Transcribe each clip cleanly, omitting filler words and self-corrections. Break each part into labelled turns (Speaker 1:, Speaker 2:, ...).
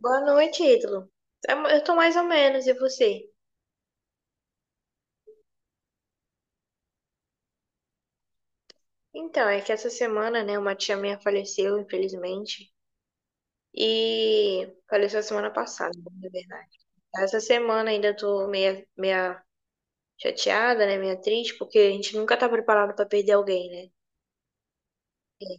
Speaker 1: Boa noite, Ítalo. Eu tô mais ou menos, e você? Então, é que essa semana, né, uma tia minha faleceu, infelizmente, e faleceu semana passada, né, na verdade. Essa semana ainda tô meia chateada, né, meia triste, porque a gente nunca tá preparado pra perder alguém, né? É,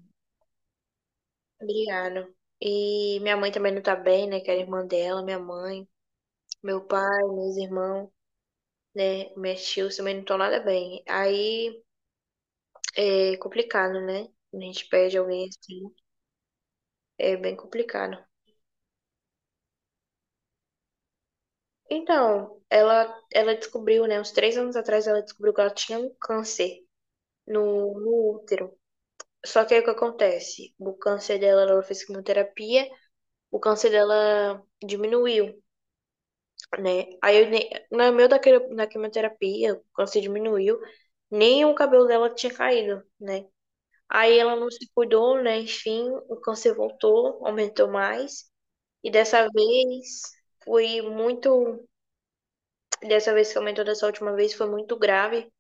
Speaker 1: obrigado. E minha mãe também não tá bem, né, que era irmã dela, minha mãe, meu pai, meus irmãos, né, meus tios também não estão nada bem. Aí é complicado, né? Quando a gente perde alguém assim. É bem complicado. Então, ela descobriu, né? Uns 3 anos atrás, ela descobriu que ela tinha um câncer no útero. Só que aí o que acontece? O câncer dela, ela fez quimioterapia, o câncer dela diminuiu, né? Aí, no meio da quimioterapia, o câncer diminuiu, nem o cabelo dela tinha caído, né? Aí ela não se cuidou, né? Enfim, o câncer voltou, aumentou mais. E dessa vez foi muito. Dessa vez que aumentou dessa última vez foi muito grave,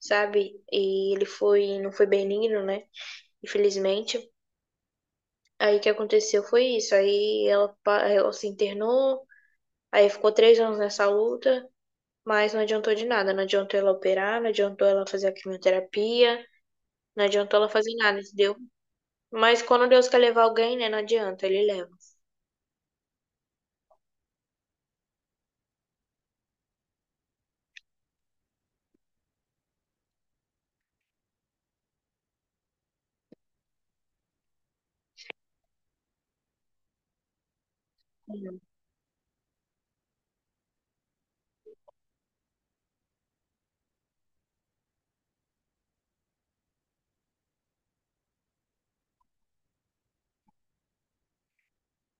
Speaker 1: sabe? E ele foi, não foi benigno, né? Infelizmente. Aí o que aconteceu foi isso. Ela se internou, aí ficou 3 anos nessa luta, mas não adiantou de nada. Não adiantou ela operar, não adiantou ela fazer a quimioterapia, não adiantou ela fazer nada, entendeu? Mas quando Deus quer levar alguém, né? Não adianta, ele leva.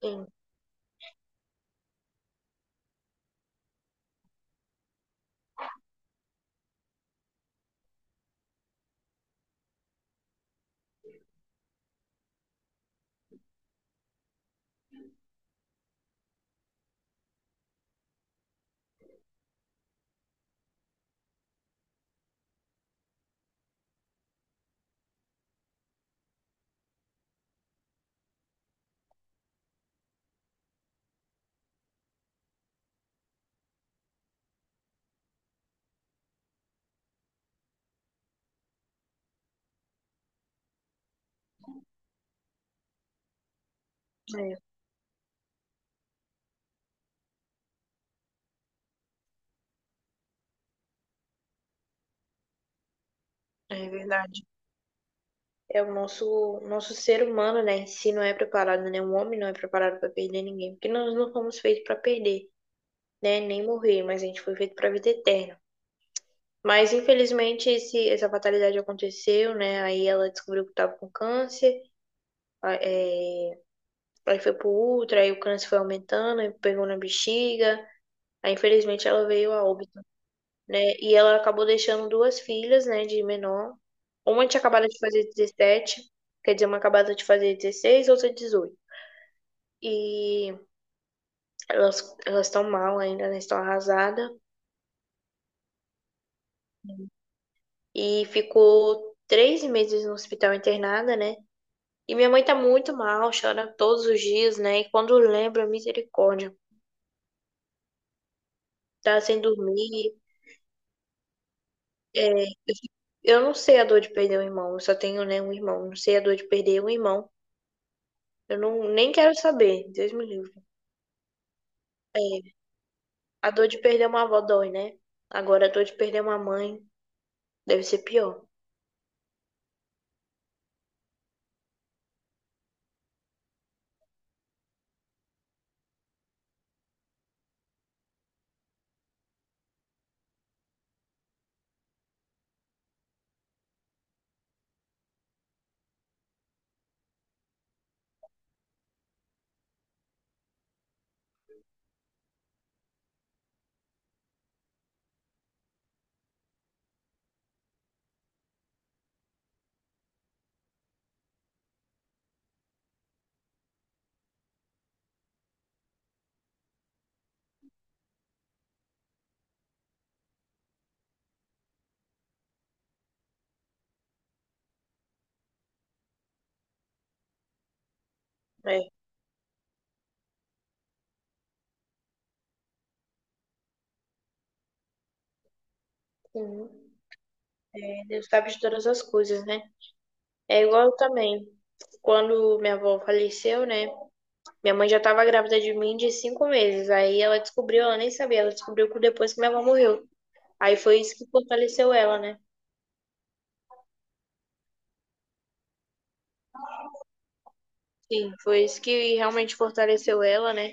Speaker 1: Sim, é, é verdade. É o nosso ser humano, né, em si não é preparado, né? O homem não é preparado para perder ninguém, porque nós não fomos feitos para perder, né, nem morrer, mas a gente foi feito para a vida eterna. Mas infelizmente essa fatalidade aconteceu, né? Aí ela descobriu que estava com câncer, é, aí foi pro útero aí o câncer foi aumentando, aí pegou na bexiga. Aí infelizmente ela veio a óbito, né? E ela acabou deixando duas filhas, né, de menor. Uma tinha acabado de fazer 17, quer dizer, uma acabada de fazer 16, outra 18. E elas estão mal ainda, elas estão arrasadas. E ficou 3 meses no hospital internada, né? E minha mãe tá muito mal, chora todos os dias, né? E quando lembra, misericórdia, tá sem dormir. É, eu, eu não sei a dor de perder um irmão, eu só tenho, né, um irmão. Não sei a dor de perder um irmão. Eu não, nem quero saber, Deus me livre. É, a dor de perder uma avó dói, né? Agora a dor de perder uma mãe deve ser pior. Né. Sim. Deus sabe de todas as coisas, né? É igual eu também. Quando minha avó faleceu, né? Minha mãe já estava grávida de mim de 5 meses. Aí ela descobriu, ela nem sabia, ela descobriu que depois que minha avó morreu. Aí foi isso que fortaleceu ela, né? Sim, foi isso que realmente fortaleceu ela, né?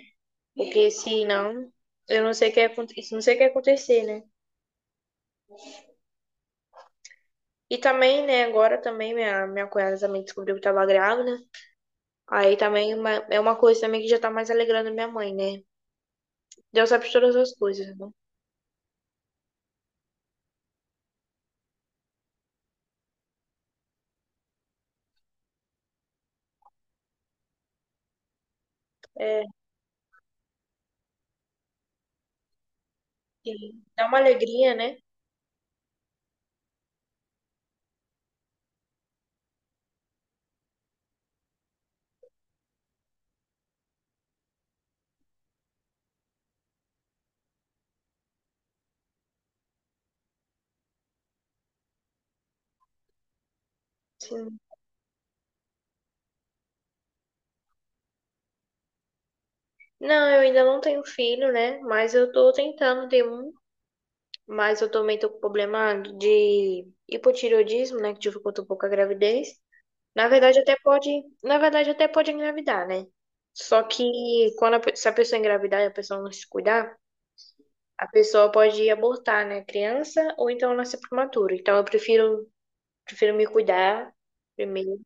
Speaker 1: Porque se não, eu não sei o que ia acontecer, não sei o que ia acontecer, né? E também, né, agora também minha cunhada também descobriu que estava grávida. Aí também é uma coisa também que já tá mais alegrando minha mãe, né? Deus sabe de todas as coisas, né? É, sim. Dá uma alegria, né? Sim. Não, eu ainda não tenho filho, né? Mas eu tô tentando ter um. Mas eu também tô com problema de hipotireoidismo, né? Que dificulta um pouco a gravidez. Na verdade, até pode. Na verdade, até pode engravidar, né? Só que quando se a pessoa engravidar e a pessoa não se cuidar, a pessoa pode abortar, né? Criança ou então nascer prematura. Então eu prefiro, prefiro me cuidar primeiro.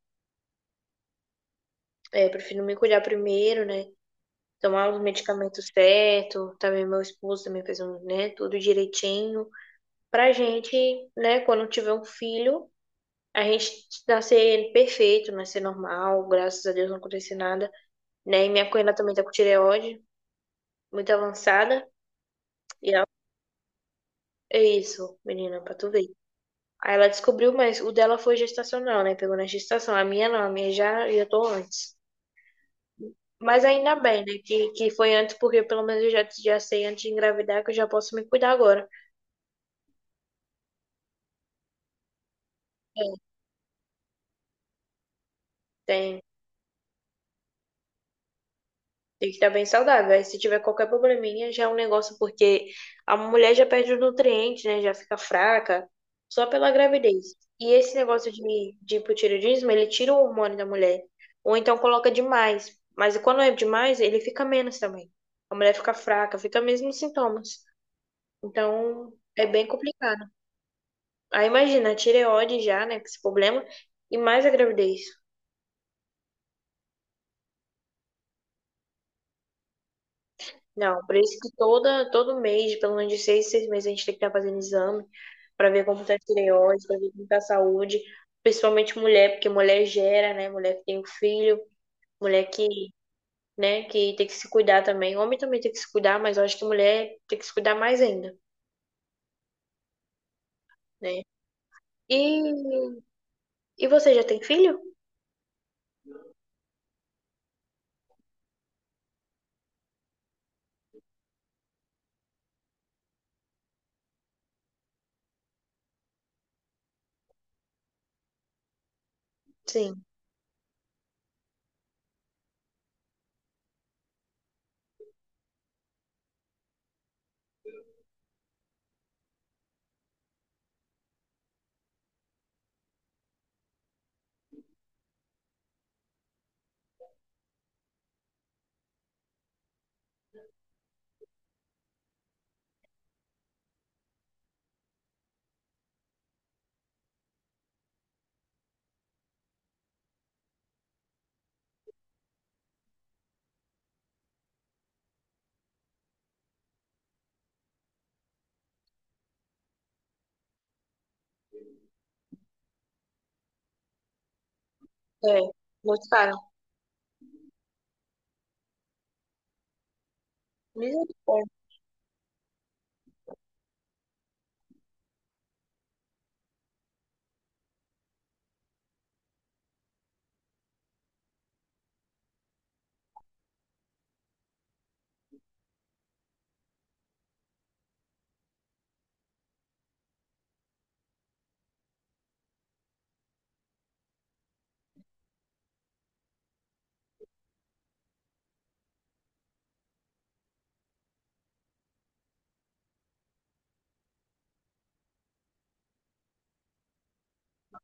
Speaker 1: É, prefiro me cuidar primeiro, né? Tomar os medicamentos certos. Também meu esposo também fez um, né? Tudo direitinho. Pra gente, né, quando tiver um filho, a gente nascer perfeito, nascer normal, graças a Deus não aconteceu nada, né? E minha cunhada também tá com tireoide, muito avançada, e ela, é isso, menina, pra tu ver. Aí ela descobriu, mas o dela foi gestacional, né? Pegou na gestação. A minha não, a minha já, já tô antes. Mas ainda bem, né? Que foi antes, porque pelo menos eu já, já sei antes de engravidar que eu já posso me cuidar agora. É, Tem tem que estar bem saudável. Aí se tiver qualquer probleminha, já é um negócio, porque a mulher já perde os nutrientes, né? Já fica fraca só pela gravidez. E esse negócio de hipotireoidismo, ele tira o hormônio da mulher. Ou então coloca demais. Mas quando é demais, ele fica menos também. A mulher fica fraca, fica mesmo os sintomas. Então, é bem complicado. Aí imagina, a tireoide já, né? Com esse problema, e mais a gravidez. Não, por isso que todo mês, pelo menos de seis meses, a gente tem que estar fazendo exame para ver como está a tireoide, para ver como está a saúde, principalmente mulher, porque mulher gera, né? Mulher que tem um filho, mulher que, né, que tem que se cuidar também. Homem também tem que se cuidar, mas eu acho que mulher tem que se cuidar mais ainda, né? E, e você já tem filho? Sim, é. Muito caro. Misericórdia,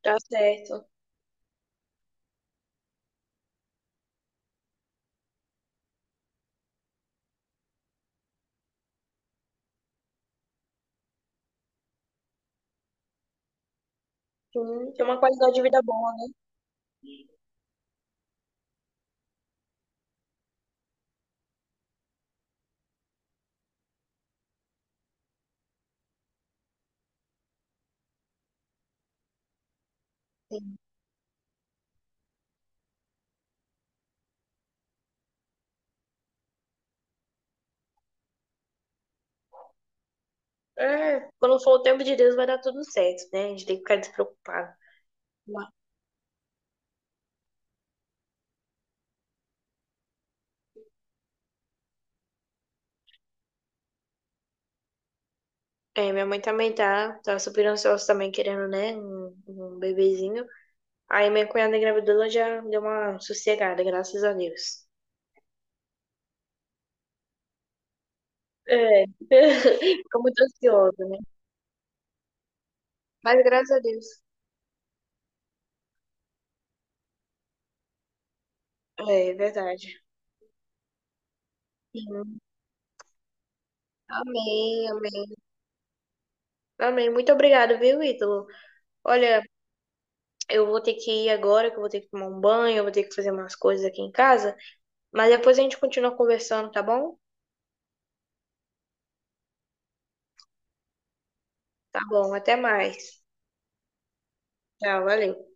Speaker 1: tá certo. Sim, tem uma qualidade de vida boa, né? É, quando for o tempo de Deus vai dar tudo certo, né? A gente tem que ficar despreocupado. Ma-. É, minha mãe também tá super ansiosa também, querendo, né? Um bebezinho. Aí minha cunhada engravidou, ela já deu uma sossegada, graças a Deus. É, ficou muito ansiosa, né? Mas graças a Deus. É, é verdade. Sim. Amém, amém. Amém. Muito obrigada, viu, Ítalo? Olha, eu vou ter que ir agora, que eu vou ter que tomar um banho, eu vou ter que fazer umas coisas aqui em casa. Mas depois a gente continua conversando, tá bom? Tá bom, até mais. Tchau, valeu.